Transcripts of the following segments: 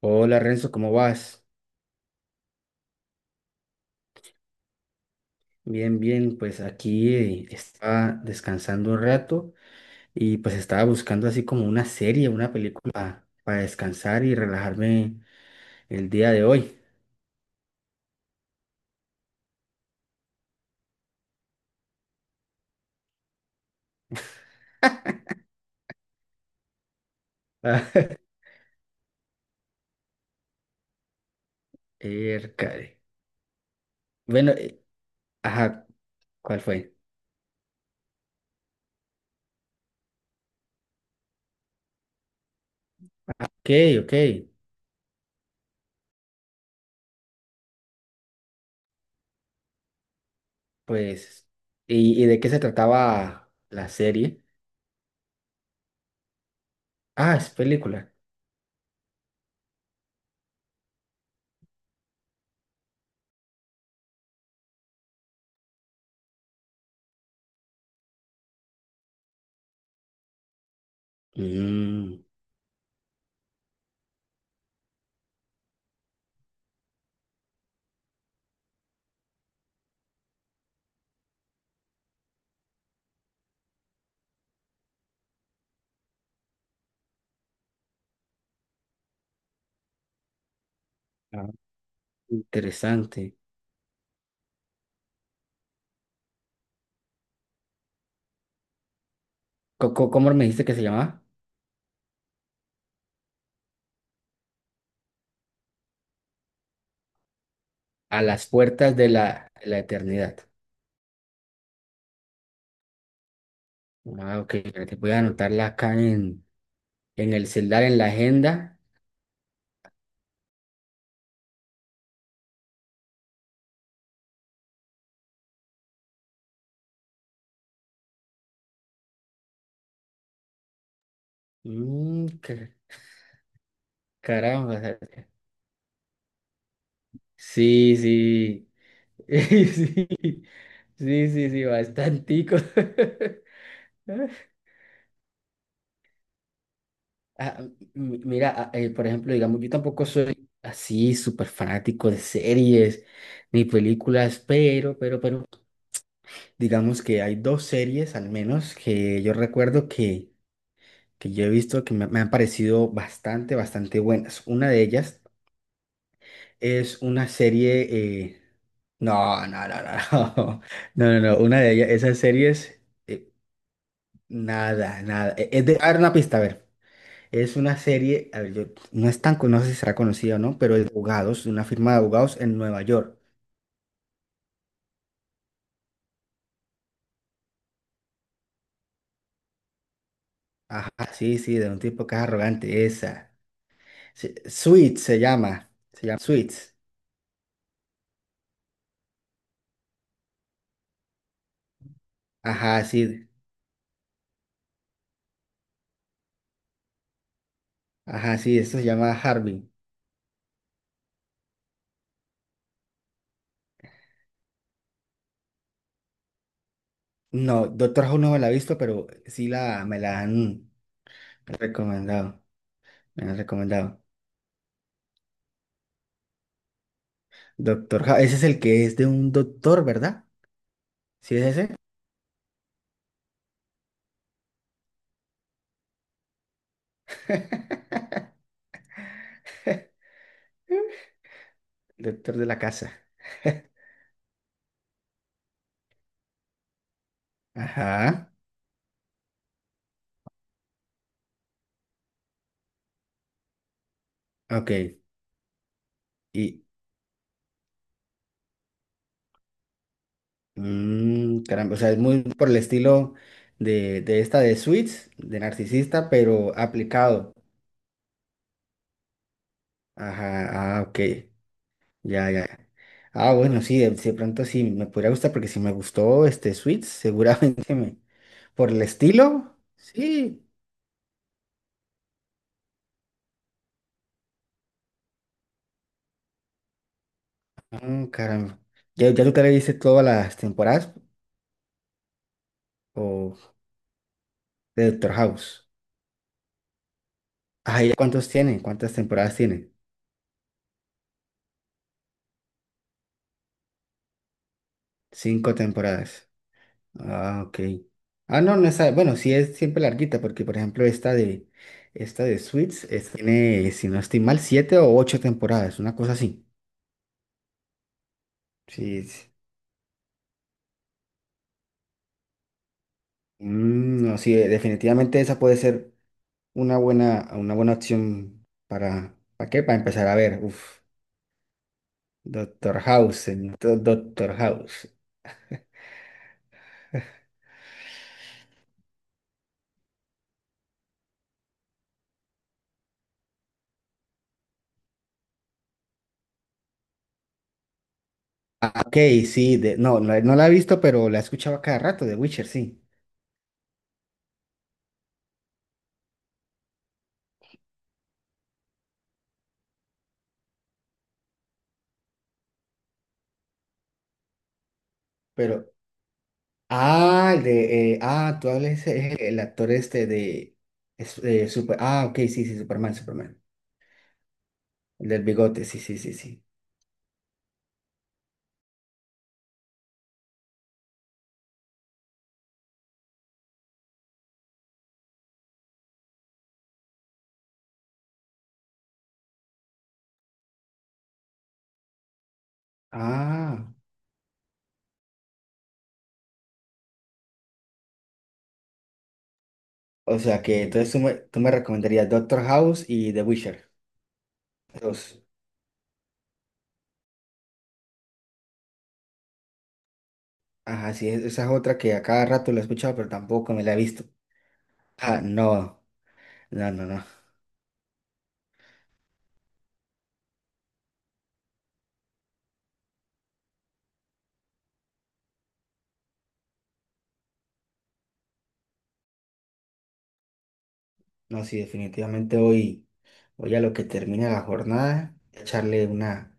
Hola, Renzo, ¿cómo vas? Bien, bien, pues aquí estaba descansando un rato y pues estaba buscando así como una serie, una película para descansar y relajarme el día de hoy. Ah, Ercare. Bueno, ajá, ¿cuál fue? Ok, ok, pues, ¿y de qué se trataba la serie? Ah, es película. Mm, ah, interesante. ¿Cómo me dijiste que se llamaba? A las puertas de la eternidad. Ah, ok, ya te voy a anotarla acá en el celular, en la agenda. Mm, caramba. O sea, sí, sí. Sí, sí, sí, sí, bastantico. Ah, mira, por ejemplo, digamos, yo tampoco soy así súper fanático de series ni películas, pero digamos que hay dos series al menos que yo recuerdo que yo he visto que me han parecido bastante buenas. Una de ellas. Es una serie. Eh, no, no, no, no, no. No, no, no. Una de ellas, esas series. Eh, nada, nada. Es de... A ver, una pista, a ver. Es una serie. A ver, yo... No sé si será conocida o no, pero es de abogados, de una firma de abogados en Nueva York. Ajá, sí, sí, de un tipo que es arrogante. Esa. Sí, Suits se llama. Se llama Suits. Ajá, sí. Ajá, sí, esto se llama Harvey. No, Doctor House no me la he visto, pero sí me la han recomendado. Me la han recomendado. Doctor House, ese es el que es de un doctor, ¿verdad? ¿Sí es ese? Doctor de la casa. Ajá. Ok. Y mm, caramba, o sea, es muy por el estilo de esta de Suits, de narcisista, pero aplicado. Ajá. Ah, ok. Ya, ya, ya. Ah, bueno, sí, de pronto sí me podría gustar, porque si me gustó este Suits, seguramente me. Por el estilo, sí. Ah, caramba. ¿Ya tú te le viste todas las temporadas? O de Doctor House. Ah, ¿y cuántos tiene? ¿Cuántas temporadas tiene? Cinco temporadas. Ah, ok. Ah, no, no está. Bueno, sí es siempre larguita, porque por ejemplo esta de Suits tiene, si no estoy mal, siete o ocho temporadas, una cosa así. Sí, sí. Mm, no, sí, definitivamente esa puede ser una buena opción ¿para qué? Para empezar a ver. Uf, Doctor House, señor, Doctor House. Ah, ok, sí, no, no, no la he visto, pero la he escuchado a cada rato, de Witcher, sí. Pero ah, el de, tú hablas, el actor este de, super, ah, ok, sí, sí, Superman, Superman. El del bigote, sí, sí, sí, sí. Ah, o sea que entonces tú me recomendarías Doctor House y The Witcher. Dos. Ajá, sí, esa es otra que a cada rato la he escuchado, pero tampoco me la he visto. Ah, no, no, no, no. No, sí, definitivamente hoy a lo que termina la jornada, echarle una.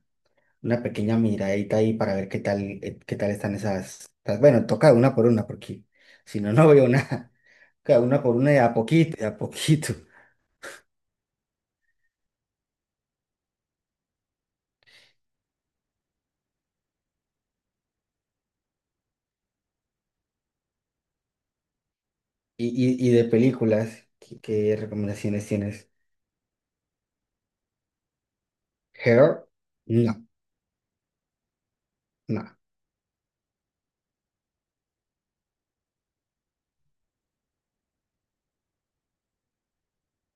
Una pequeña miradita ahí para ver qué tal están Bueno, toca una por una, porque si no, no veo nada. Cada una por una y a poquito, y a poquito. Y, y de películas, qué recomendaciones tienes? ¿Her? No, no.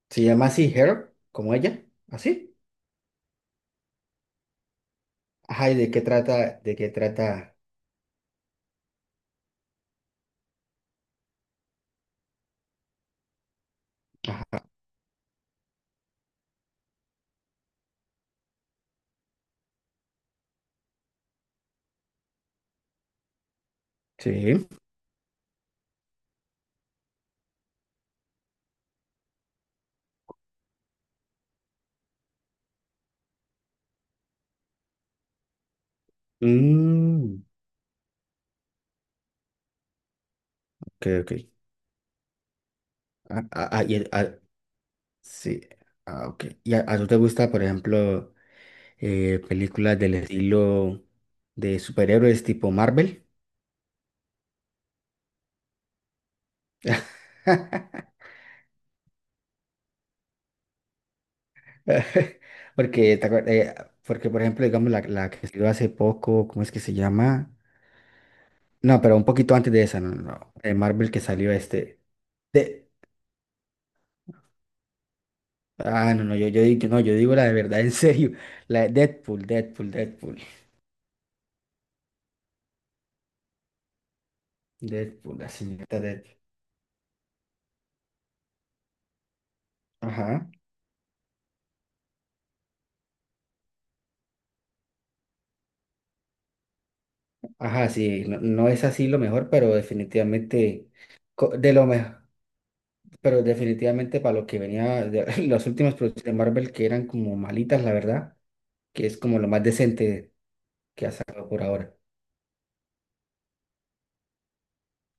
¿Se llama así Her? ¿Como ella? ¿Así? Ajá, ¿y de qué trata? ¿De qué trata? Ajá. Sí. Mm, ok, ok. Ah, ah, ah, sí. Ah, ok. ¿Y a tú te gusta, por ejemplo? Eh, películas del estilo de superhéroes tipo Marvel. Porque porque por ejemplo, digamos la que salió hace poco, ¿cómo es que se llama? No, pero un poquito antes de esa, no, no, no, de Marvel que salió este. De, ah, no, no, digo, no, yo digo la de verdad, en serio. La de Deadpool. Deadpool, la señorita Deadpool. Ajá. Ajá, sí, no, no es así lo mejor, pero definitivamente de lo mejor. Pero definitivamente para lo que venía, de- las últimas producciones de Marvel que eran como malitas, la verdad, que es como lo más decente que ha sacado por ahora.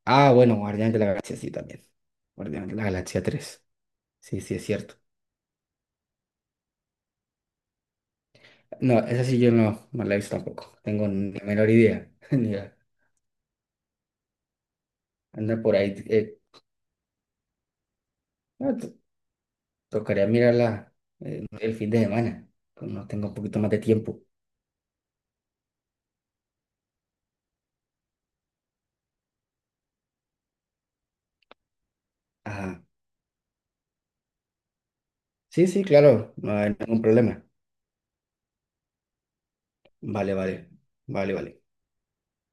Ah, bueno, Guardián de la Galaxia sí también. Guardián de la Galaxia 3. Sí, sí, es cierto. No, esa sí yo no, no la he visto tampoco. Tengo ni la menor idea. Ni idea. Anda por ahí. Eh, no, to- tocaría mirarla el fin de semana, cuando tenga un poquito más de tiempo. Ajá. Sí, sí, claro, no hay ningún problema. Vale, vale, vale, vale.